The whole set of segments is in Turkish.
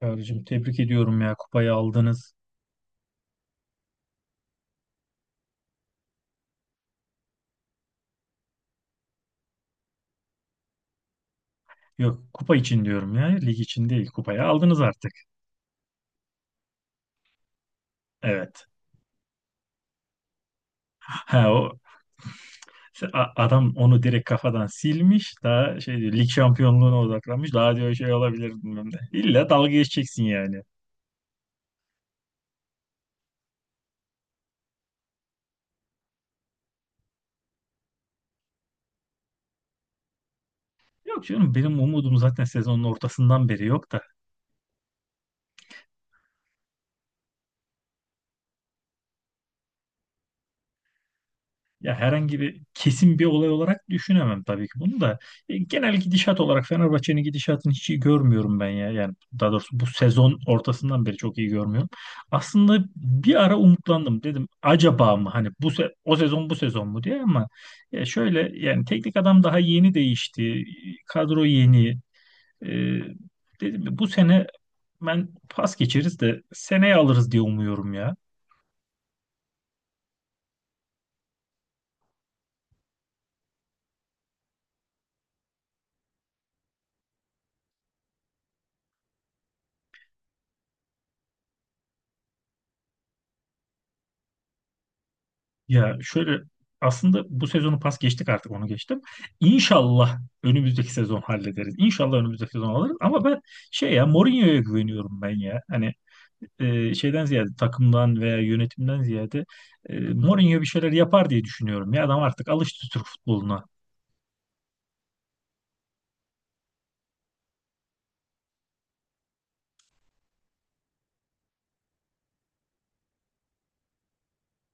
Çağrı'cığım tebrik ediyorum ya kupayı aldınız. Yok kupa için diyorum ya lig için değil kupayı aldınız artık. Evet. Ha o. Adam onu direkt kafadan silmiş. Daha şey diyor, lig şampiyonluğuna odaklanmış. Daha diyor şey olabilir bilmem ne. İlla dalga geçeceksin yani. Yok canım benim umudum zaten sezonun ortasından beri yok da. Ya herhangi bir kesin bir olay olarak düşünemem tabii ki bunu da. Genel gidişat olarak Fenerbahçe'nin gidişatını hiç iyi görmüyorum ben ya. Yani daha doğrusu bu sezon ortasından beri çok iyi görmüyorum. Aslında bir ara umutlandım dedim acaba mı hani o sezon bu sezon mu diye ama ya şöyle yani teknik adam daha yeni değişti. Kadro yeni. E, dedim bu sene ben pas geçeriz de seneye alırız diye umuyorum ya. Ya şöyle aslında bu sezonu pas geçtik artık onu geçtim. İnşallah önümüzdeki sezon hallederiz. İnşallah önümüzdeki sezon alırız. Ama ben şey ya Mourinho'ya güveniyorum ben ya. Hani şeyden ziyade takımdan veya yönetimden ziyade Mourinho bir şeyler yapar diye düşünüyorum. Ya adam artık alıştı Türk futboluna.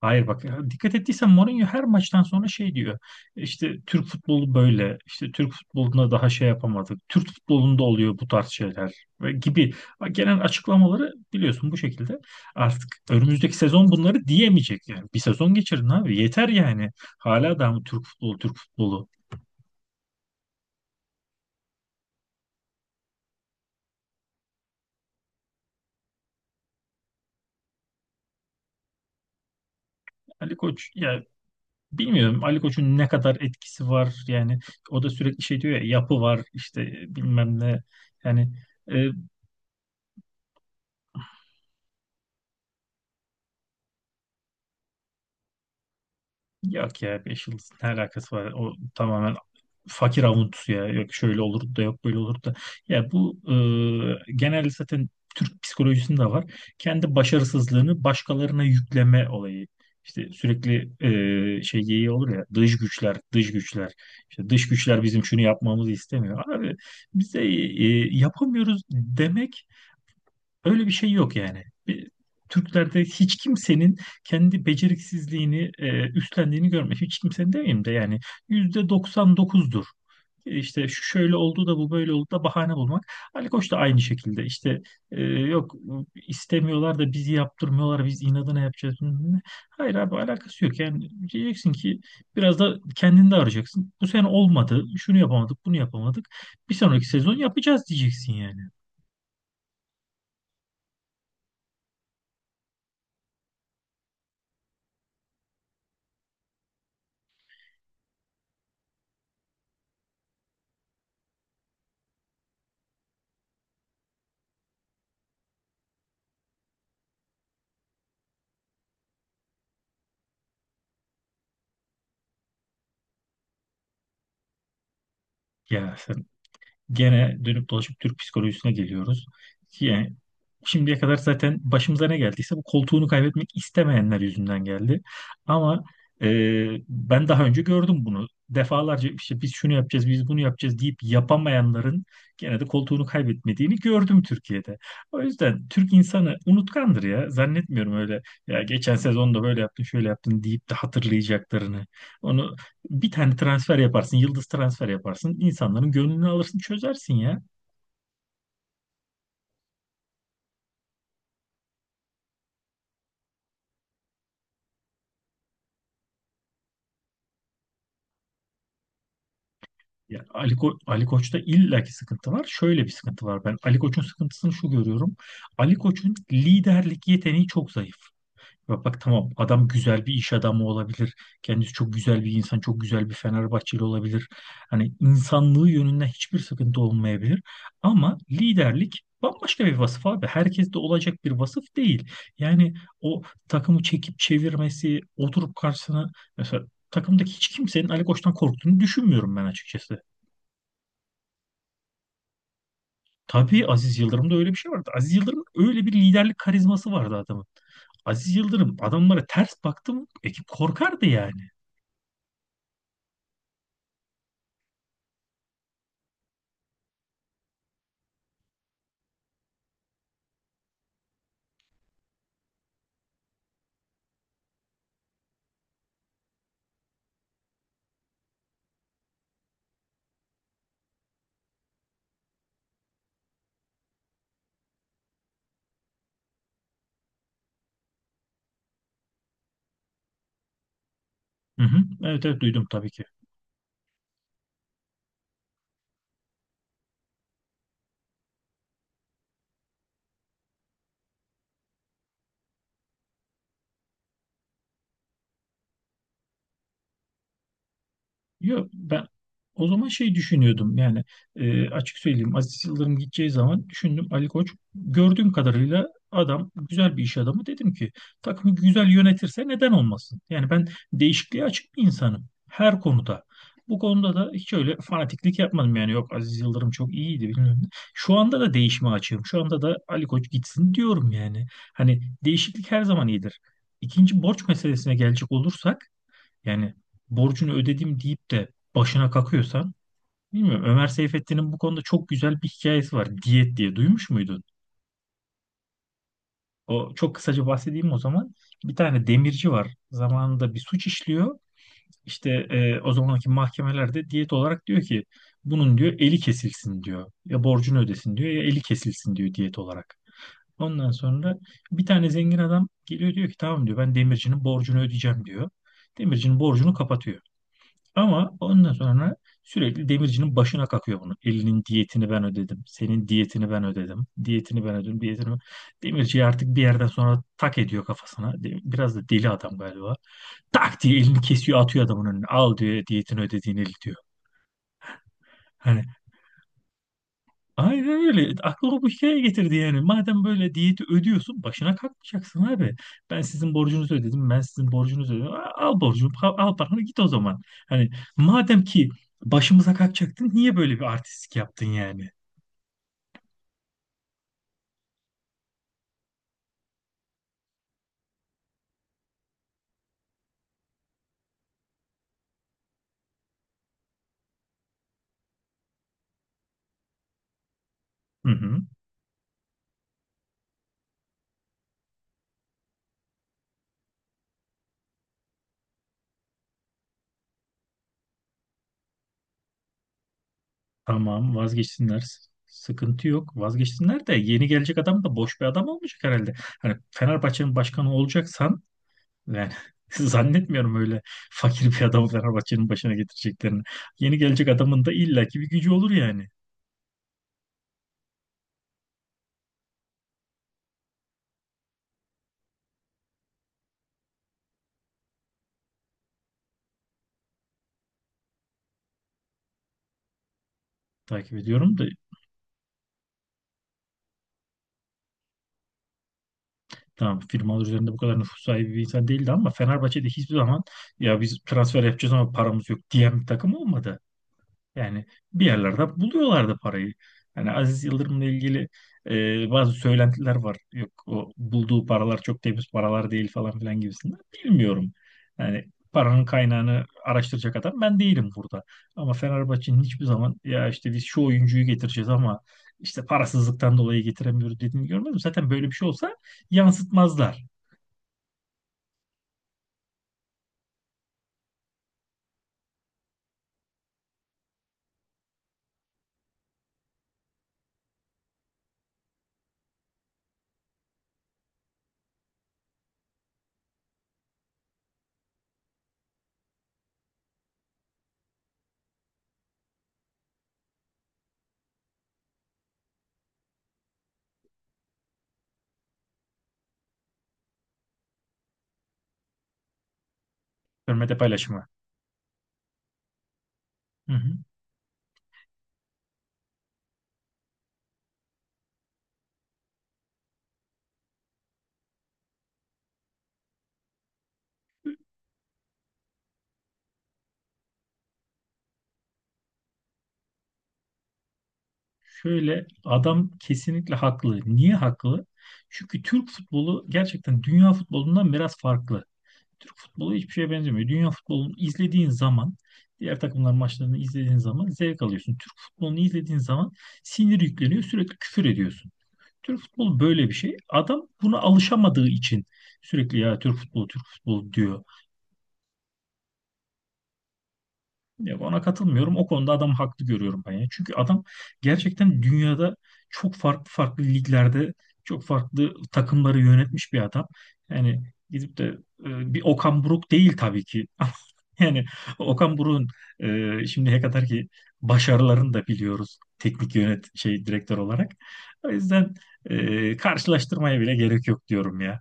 Hayır bak ya dikkat ettiysen Mourinho her maçtan sonra şey diyor. İşte Türk futbolu böyle. İşte Türk futboluna daha şey yapamadık. Türk futbolunda oluyor bu tarz şeyler ve gibi. Bak, genel açıklamaları biliyorsun bu şekilde. Artık önümüzdeki sezon bunları diyemeyecek yani. Bir sezon geçirin abi yeter yani. Hala daha mı Türk futbolu Türk futbolu. Ali Koç ya bilmiyorum Ali Koç'un ne kadar etkisi var yani o da sürekli şey diyor ya yapı var işte bilmem ne yani. e, Yok ya 5 yıldızın ne alakası var? O tamamen fakir avuntusu ya. Yok şöyle olur da yok böyle olur da. Ya bu genelde zaten Türk psikolojisinde de var. Kendi başarısızlığını başkalarına yükleme olayı. İşte sürekli şey yeği olur ya dış güçler, dış güçler. İşte dış güçler bizim şunu yapmamızı istemiyor. Abi bize yapamıyoruz demek öyle bir şey yok yani. Türklerde hiç kimsenin kendi beceriksizliğini üstlendiğini görmedim. Hiç kimsenin demeyeyim de yani %99'dur. İşte şu şöyle oldu da bu böyle oldu da bahane bulmak. Ali Koç da aynı şekilde işte yok istemiyorlar da bizi yaptırmıyorlar biz inadına yapacağız, bilmem ne. Hayır abi alakası yok yani, diyeceksin ki biraz da kendini de arayacaksın. Bu sene olmadı şunu yapamadık bunu yapamadık bir sonraki sezon yapacağız diyeceksin yani. Ya gene dönüp dolaşıp Türk psikolojisine geliyoruz. Yani şimdiye kadar zaten başımıza ne geldiyse bu koltuğunu kaybetmek istemeyenler yüzünden geldi. Ama e, ben daha önce gördüm bunu. Defalarca işte biz şunu yapacağız, biz bunu yapacağız deyip yapamayanların gene de koltuğunu kaybetmediğini gördüm Türkiye'de. O yüzden Türk insanı unutkandır ya. Zannetmiyorum öyle ya geçen sezonda böyle yaptın, şöyle yaptın deyip de hatırlayacaklarını. Onu bir tane transfer yaparsın, yıldız transfer yaparsın, insanların gönlünü alırsın, çözersin ya. Ya Ali Koç'ta illaki sıkıntı var. Şöyle bir sıkıntı var ben. Ali Koç'un sıkıntısını şu görüyorum. Ali Koç'un liderlik yeteneği çok zayıf. Ya bak tamam adam güzel bir iş adamı olabilir. Kendisi çok güzel bir insan, çok güzel bir Fenerbahçeli olabilir. Hani insanlığı yönünden hiçbir sıkıntı olmayabilir. Ama liderlik bambaşka bir vasıf abi. Herkes de olacak bir vasıf değil. Yani o takımı çekip çevirmesi, oturup karşısına mesela takımdaki hiç kimsenin Ali Koç'tan korktuğunu düşünmüyorum ben açıkçası. Tabii Aziz Yıldırım'da öyle bir şey vardı. Aziz Yıldırım'ın öyle bir liderlik karizması vardı adamın. Aziz Yıldırım adamlara ters baktım ekip korkardı yani. Hı hı. Evet evet duydum tabii ki. Yok ben o zaman şey düşünüyordum yani, açık söyleyeyim Aziz Yıldırım gideceği zaman düşündüm Ali Koç gördüğüm kadarıyla adam güzel bir iş adamı, dedim ki takımı güzel yönetirse neden olmasın? Yani ben değişikliğe açık bir insanım her konuda. Bu konuda da hiç öyle fanatiklik yapmadım yani, yok Aziz Yıldırım çok iyiydi bilmem ne. Şu anda da değişime açığım. Şu anda da Ali Koç gitsin diyorum yani. Hani değişiklik her zaman iyidir. İkinci borç meselesine gelecek olursak yani borcunu ödedim deyip de başına kakıyorsan bilmiyorum. Ömer Seyfettin'in bu konuda çok güzel bir hikayesi var. Diyet diye duymuş muydun? O çok kısaca bahsedeyim o zaman. Bir tane demirci var. Zamanında bir suç işliyor. İşte o zamanki mahkemelerde diyet olarak diyor ki bunun diyor eli kesilsin diyor. Ya borcunu ödesin diyor ya eli kesilsin diyor diyet olarak. Ondan sonra bir tane zengin adam geliyor diyor ki tamam diyor ben demircinin borcunu ödeyeceğim diyor. Demircinin borcunu kapatıyor. Ama ondan sonra sürekli demircinin başına kakıyor bunu. Elinin diyetini ben ödedim. Senin diyetini ben ödedim. Diyetini ben ödedim. Diyetini ben... Demirci artık bir yerden sonra tak ediyor kafasına. Biraz da deli adam galiba. Tak diye elini kesiyor atıyor adamın önüne. Al diyor diyetini ödediğin eli diyor. Hani aynen öyle. Aklıma bu hikaye getirdi yani. Madem böyle diyeti ödüyorsun, başına kalkmayacaksın abi. Ben sizin borcunuzu ödedim, ben sizin borcunuzu ödedim. Al borcunu, al paranı git o zaman. Hani madem ki başımıza kalkacaktın, niye böyle bir artistlik yaptın yani? Hı hı. Tamam, vazgeçsinler. Sıkıntı yok. Vazgeçsinler de yeni gelecek adam da boş bir adam olmayacak herhalde. Hani Fenerbahçe'nin başkanı olacaksan yani zannetmiyorum öyle fakir bir adamı Fenerbahçe'nin başına getireceklerini. Yeni gelecek adamın da illaki bir gücü olur yani. Takip ediyorum da tamam, firmalar üzerinde bu kadar nüfus sahibi bir insan değildi ama Fenerbahçe'de hiçbir zaman ya biz transfer yapacağız ama paramız yok diyen bir takım olmadı. Yani bir yerlerde buluyorlardı parayı. Yani Aziz Yıldırım'la ilgili bazı söylentiler var. Yok o bulduğu paralar çok temiz paralar değil falan filan gibisinden. Bilmiyorum. Yani paranın kaynağını araştıracak adam ben değilim burada. Ama Fenerbahçe'nin hiçbir zaman ya işte biz şu oyuncuyu getireceğiz ama işte parasızlıktan dolayı getiremiyoruz dediğini görmedim. Zaten böyle bir şey olsa yansıtmazlar. Görmede paylaşımı. Hı hı. Şöyle adam kesinlikle haklı. Niye haklı? Çünkü Türk futbolu gerçekten dünya futbolundan biraz farklı. Türk futbolu hiçbir şeye benzemiyor. Dünya futbolunu izlediğin zaman, diğer takımların maçlarını izlediğin zaman zevk alıyorsun. Türk futbolunu izlediğin zaman sinir yükleniyor, sürekli küfür ediyorsun. Türk futbolu böyle bir şey. Adam buna alışamadığı için sürekli ya Türk futbolu, Türk futbolu diyor. Yok ona katılmıyorum. O konuda adamı haklı görüyorum ben ya. Çünkü adam gerçekten dünyada çok farklı farklı liglerde çok farklı takımları yönetmiş bir adam. Yani gidip de bir Okan Buruk değil tabii ki. Ama yani Okan Buruk'un şimdiye kadar ki başarılarını da biliyoruz teknik yönet şey direktör olarak. O yüzden karşılaştırmaya bile gerek yok diyorum ya.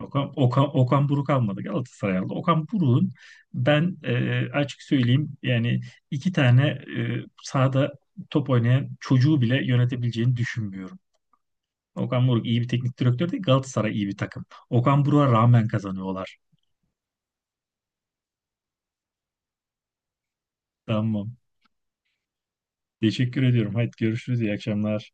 Okan Buruk almadı Galatasaray aldı. Okan Buruk'un ben açık söyleyeyim yani iki tane sahada top oynayan çocuğu bile yönetebileceğini düşünmüyorum. Okan Buruk iyi bir teknik direktör değil, Galatasaray iyi bir takım. Okan Buruk'a rağmen kazanıyorlar. Tamam. Teşekkür ediyorum. Haydi görüşürüz. İyi akşamlar.